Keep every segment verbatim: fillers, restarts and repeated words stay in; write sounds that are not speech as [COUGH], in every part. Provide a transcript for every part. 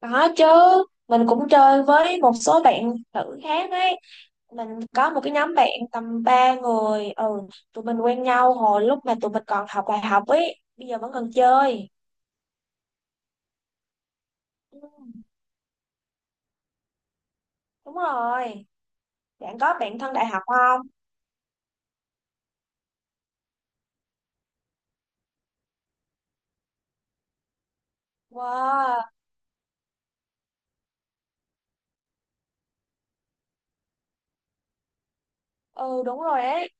Có chứ, mình cũng chơi với một số bạn nữ khác ấy. Mình có một cái nhóm bạn tầm ba người, ừ, tụi mình quen nhau hồi lúc mà tụi mình còn học đại học ấy, bây giờ vẫn còn chơi. Ừ, đúng rồi, bạn có bạn thân đại học không? Wow, ừ đúng rồi ấy.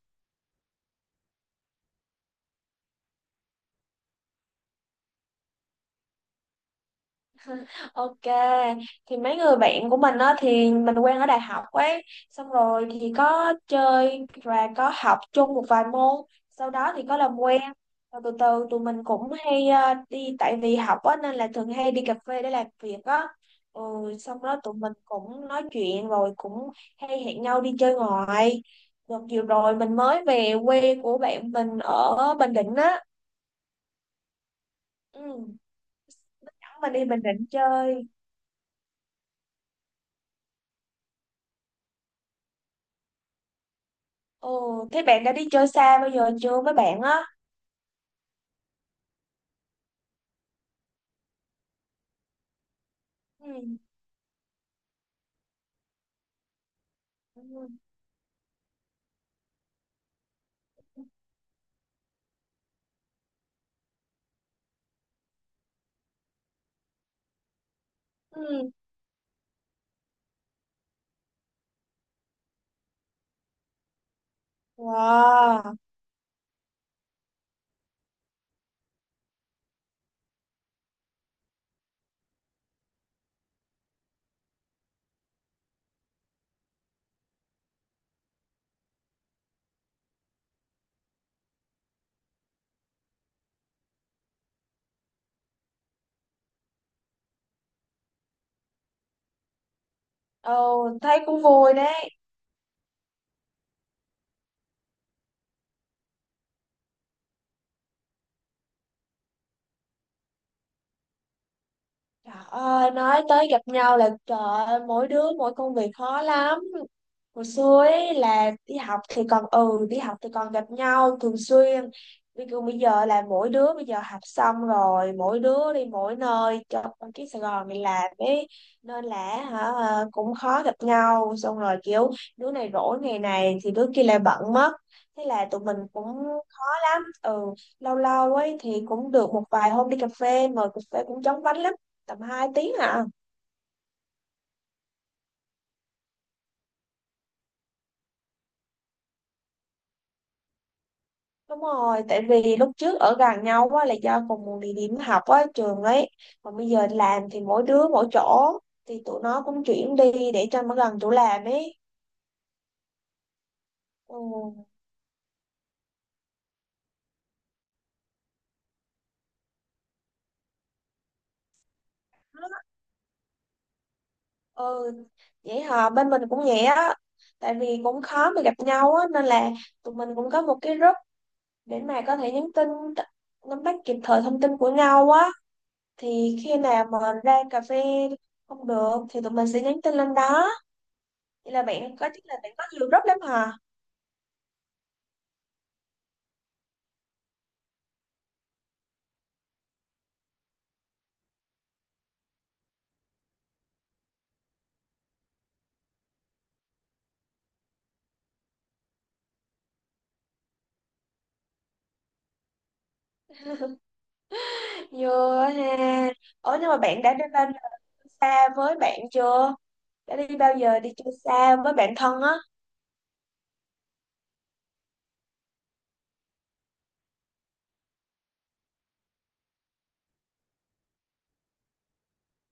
Ok, thì mấy người bạn của mình á thì mình quen ở đại học ấy, xong rồi thì có chơi và có học chung một vài môn, sau đó thì có làm quen. Rồi từ từ tụi mình cũng hay ờ, đi tại vì học á nên là thường hay đi cà phê để làm việc á. Ừ, xong đó tụi mình cũng nói chuyện rồi cũng hay hẹn nhau đi chơi ngoài. Đợt vừa rồi mình mới về quê của bạn mình ở Bình Định á. Ừ, dẫn mình đi Bình Định chơi. Ồ, thế bạn đã đi chơi xa bao giờ chưa với bạn á? Ừ. Ừ. Ừ. Wow. Ồ, thấy cũng vui đấy. Trời ơi, nói tới gặp nhau là trời ơi, mỗi đứa mỗi công việc khó lắm. Hồi xưa ấy là đi học thì còn ừ đi học thì còn gặp nhau thường xuyên. Bây giờ bây giờ là mỗi đứa bây giờ học xong rồi mỗi đứa đi mỗi nơi trong cái Sài Gòn này làm ấy, nên là hả ờ, cũng khó gặp nhau, xong rồi kiểu đứa này rỗi ngày này thì đứa kia lại bận mất, thế là tụi mình cũng khó lắm. Ừ, lâu lâu ấy thì cũng được một vài hôm đi cà phê, mời cà phê cũng chóng vánh lắm, tầm hai tiếng hả. Đúng rồi, tại vì lúc trước ở gần nhau quá là do cùng một địa điểm học á, trường ấy. Còn bây giờ làm thì mỗi đứa mỗi chỗ, thì tụi nó cũng chuyển đi để cho nó gần chỗ làm ấy. Ừ, ừ. Vậy hả, bên mình cũng vậy á. Tại vì cũng khó mà gặp nhau á, nên là tụi mình cũng có một cái group để mà có thể nhắn tin, t- nắm bắt kịp thời thông tin của nhau á. Thì khi nào mà ra cà phê không được thì tụi mình sẽ nhắn tin lên đó. Vậy là bạn có chắc là bạn có nhiều group lắm hả? Vừa ha. Ủa nhưng mà bạn đã đi bao giờ xa với bạn chưa? Đã đi bao giờ đi chơi xa với bạn thân á?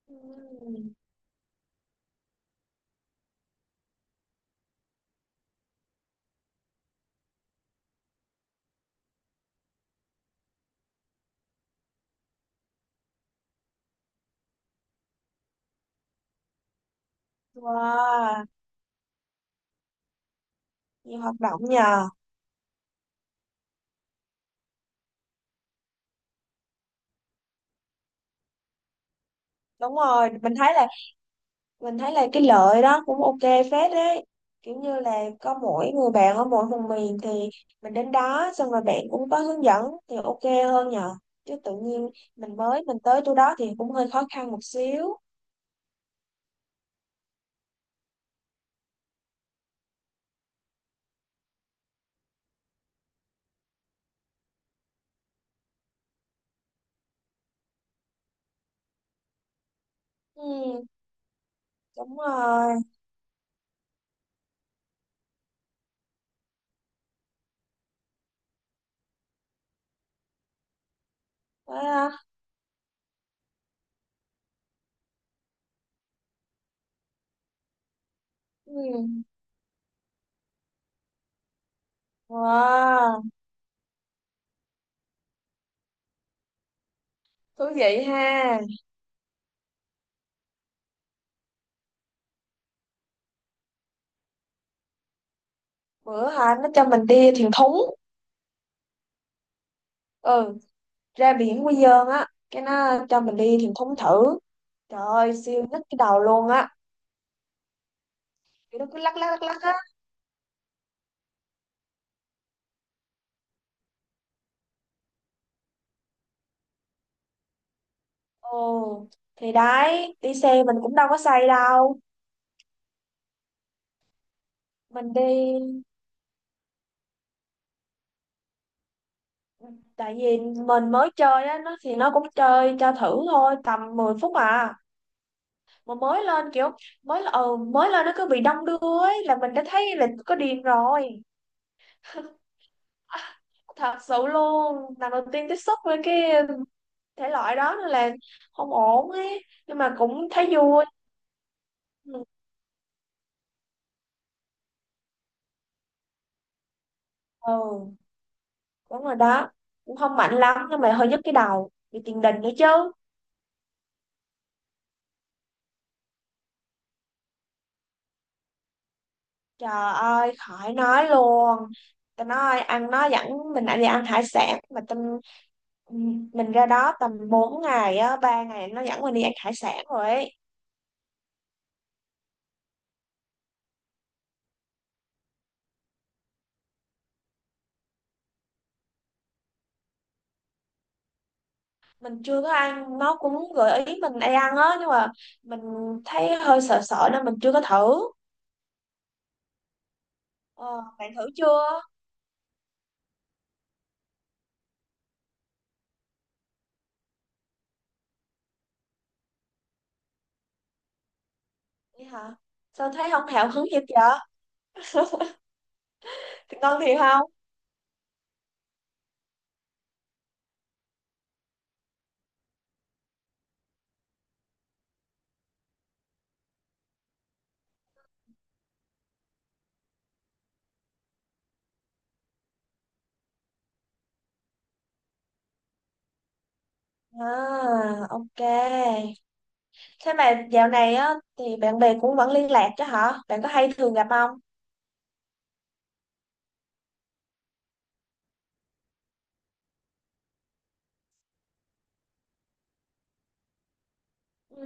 Ừm. Wow, nhiều hoạt động nhờ. Đúng rồi, mình thấy là mình thấy là cái lợi đó cũng ok phết đấy. Kiểu như là có mỗi người bạn ở mỗi vùng miền thì mình đến đó xong rồi bạn cũng có hướng dẫn thì ok hơn nhờ. Chứ tự nhiên mình mới mình tới chỗ đó thì cũng hơi khó khăn một xíu. Ừ, đúng rồi. Đó. Ừ. Wow, thú vị ha. Bữa hả nó cho mình đi thuyền thúng. Ừ, ra biển Quy Nhơn á, cái nó cho mình đi thuyền thúng thử. Trời ơi, siêu nít cái đầu luôn á. Kiểu nó cứ lắc lắc lắc lắc á. Ồ, thì đấy, đi xe mình cũng đâu có say đâu. Mình đi tại vì mình mới chơi á, nó thì nó cũng chơi cho thử thôi, tầm mười phút à. Mà mới lên kiểu mới ừ, mới lên nó cứ bị đông đưa ấy là mình đã thấy là có điên rồi. Thật sự luôn, lần đầu tiên tiếp xúc với cái thể loại đó nên là không ổn ấy, nhưng mà cũng thấy vui. Ừ, ừ, đúng rồi đó, cũng không mạnh lắm nhưng mà hơi nhức cái đầu, bị tiền đình nữa chứ. Trời ơi, khỏi nói luôn. Tao nói ăn, nó dẫn mình lại đi ăn hải sản mà tâm, mình ra đó tầm bốn ngày á, ba ngày nó dẫn mình đi ăn hải sản rồi ấy. Mình chưa có ăn, nó cũng gợi ý mình hay ăn á nhưng mà mình thấy hơi sợ sợ nên mình chưa có thử. Ờ, bạn thử chưa? Vậy hả, sao thấy không hào hứng gì vậy? [LAUGHS] Ngon thiệt không? À, ok, thế mà dạo này á thì bạn bè cũng vẫn liên lạc chứ hả, bạn có hay thường gặp không? Ừ.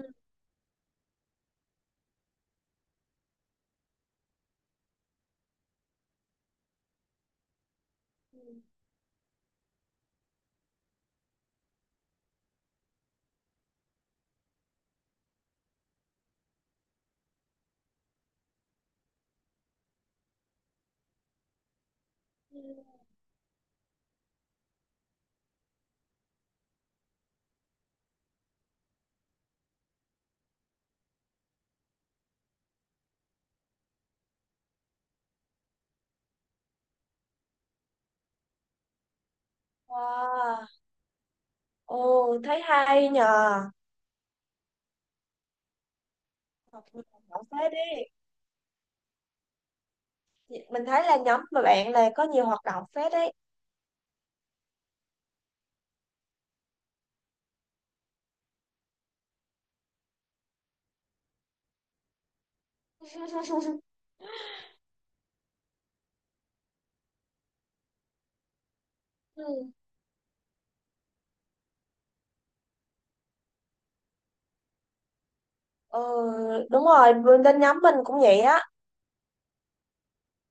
Ừ, ừ. Wow. Ồ thấy hay nhờ. Học nhiều hoạt động phết đi, mình thấy là nhóm mà bạn này có nhiều hoạt động phết đấy. [LAUGHS] Ừ. Ừ, đúng rồi, bên bên nhóm mình cũng vậy á,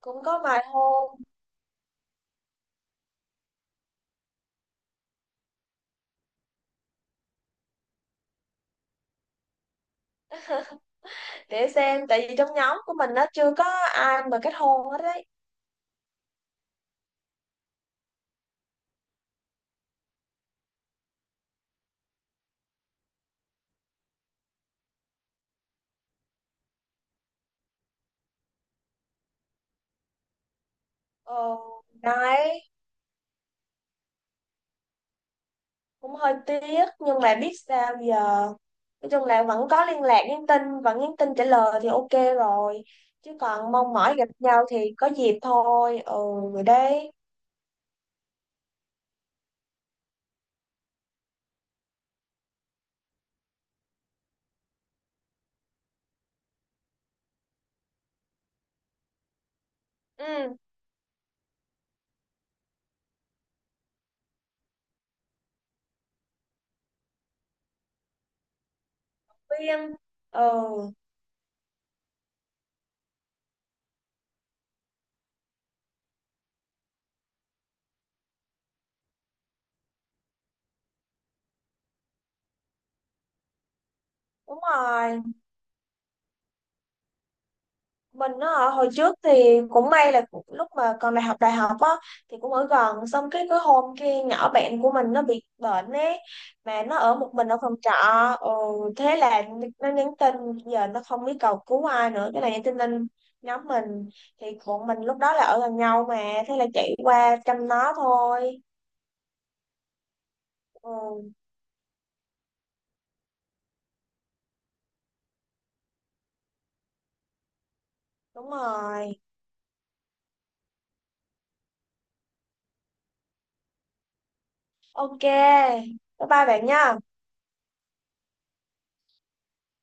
cũng có vài hôn. Để xem, tại vì trong nhóm của mình nó chưa có ai mà kết hôn hết đấy. Ờ đấy, cũng hơi tiếc nhưng mà biết sao giờ. Nói chung là vẫn có liên lạc nhắn tin, vẫn nhắn tin trả lời thì ok rồi. Chứ còn mong mỏi gặp nhau thì có dịp thôi. Ừ, rồi đấy. Ừ, viên. Ừ, đúng rồi, mình á hồi trước thì cũng may là cũng- lúc mà còn đại học đại học á thì cũng ở gần, xong cái cái hôm kia nhỏ bạn của mình nó bị bệnh ấy, mà nó ở một mình ở phòng trọ. Ừ, thế là nó nhắn tin, giờ nó không biết cầu cứu ai nữa, cái này nhắn tin lên nhóm mình, thì bọn mình lúc đó là ở gần nhau mà, thế là chạy qua chăm nó thôi. Ừ, đúng rồi. Ok, bye bye bạn nha.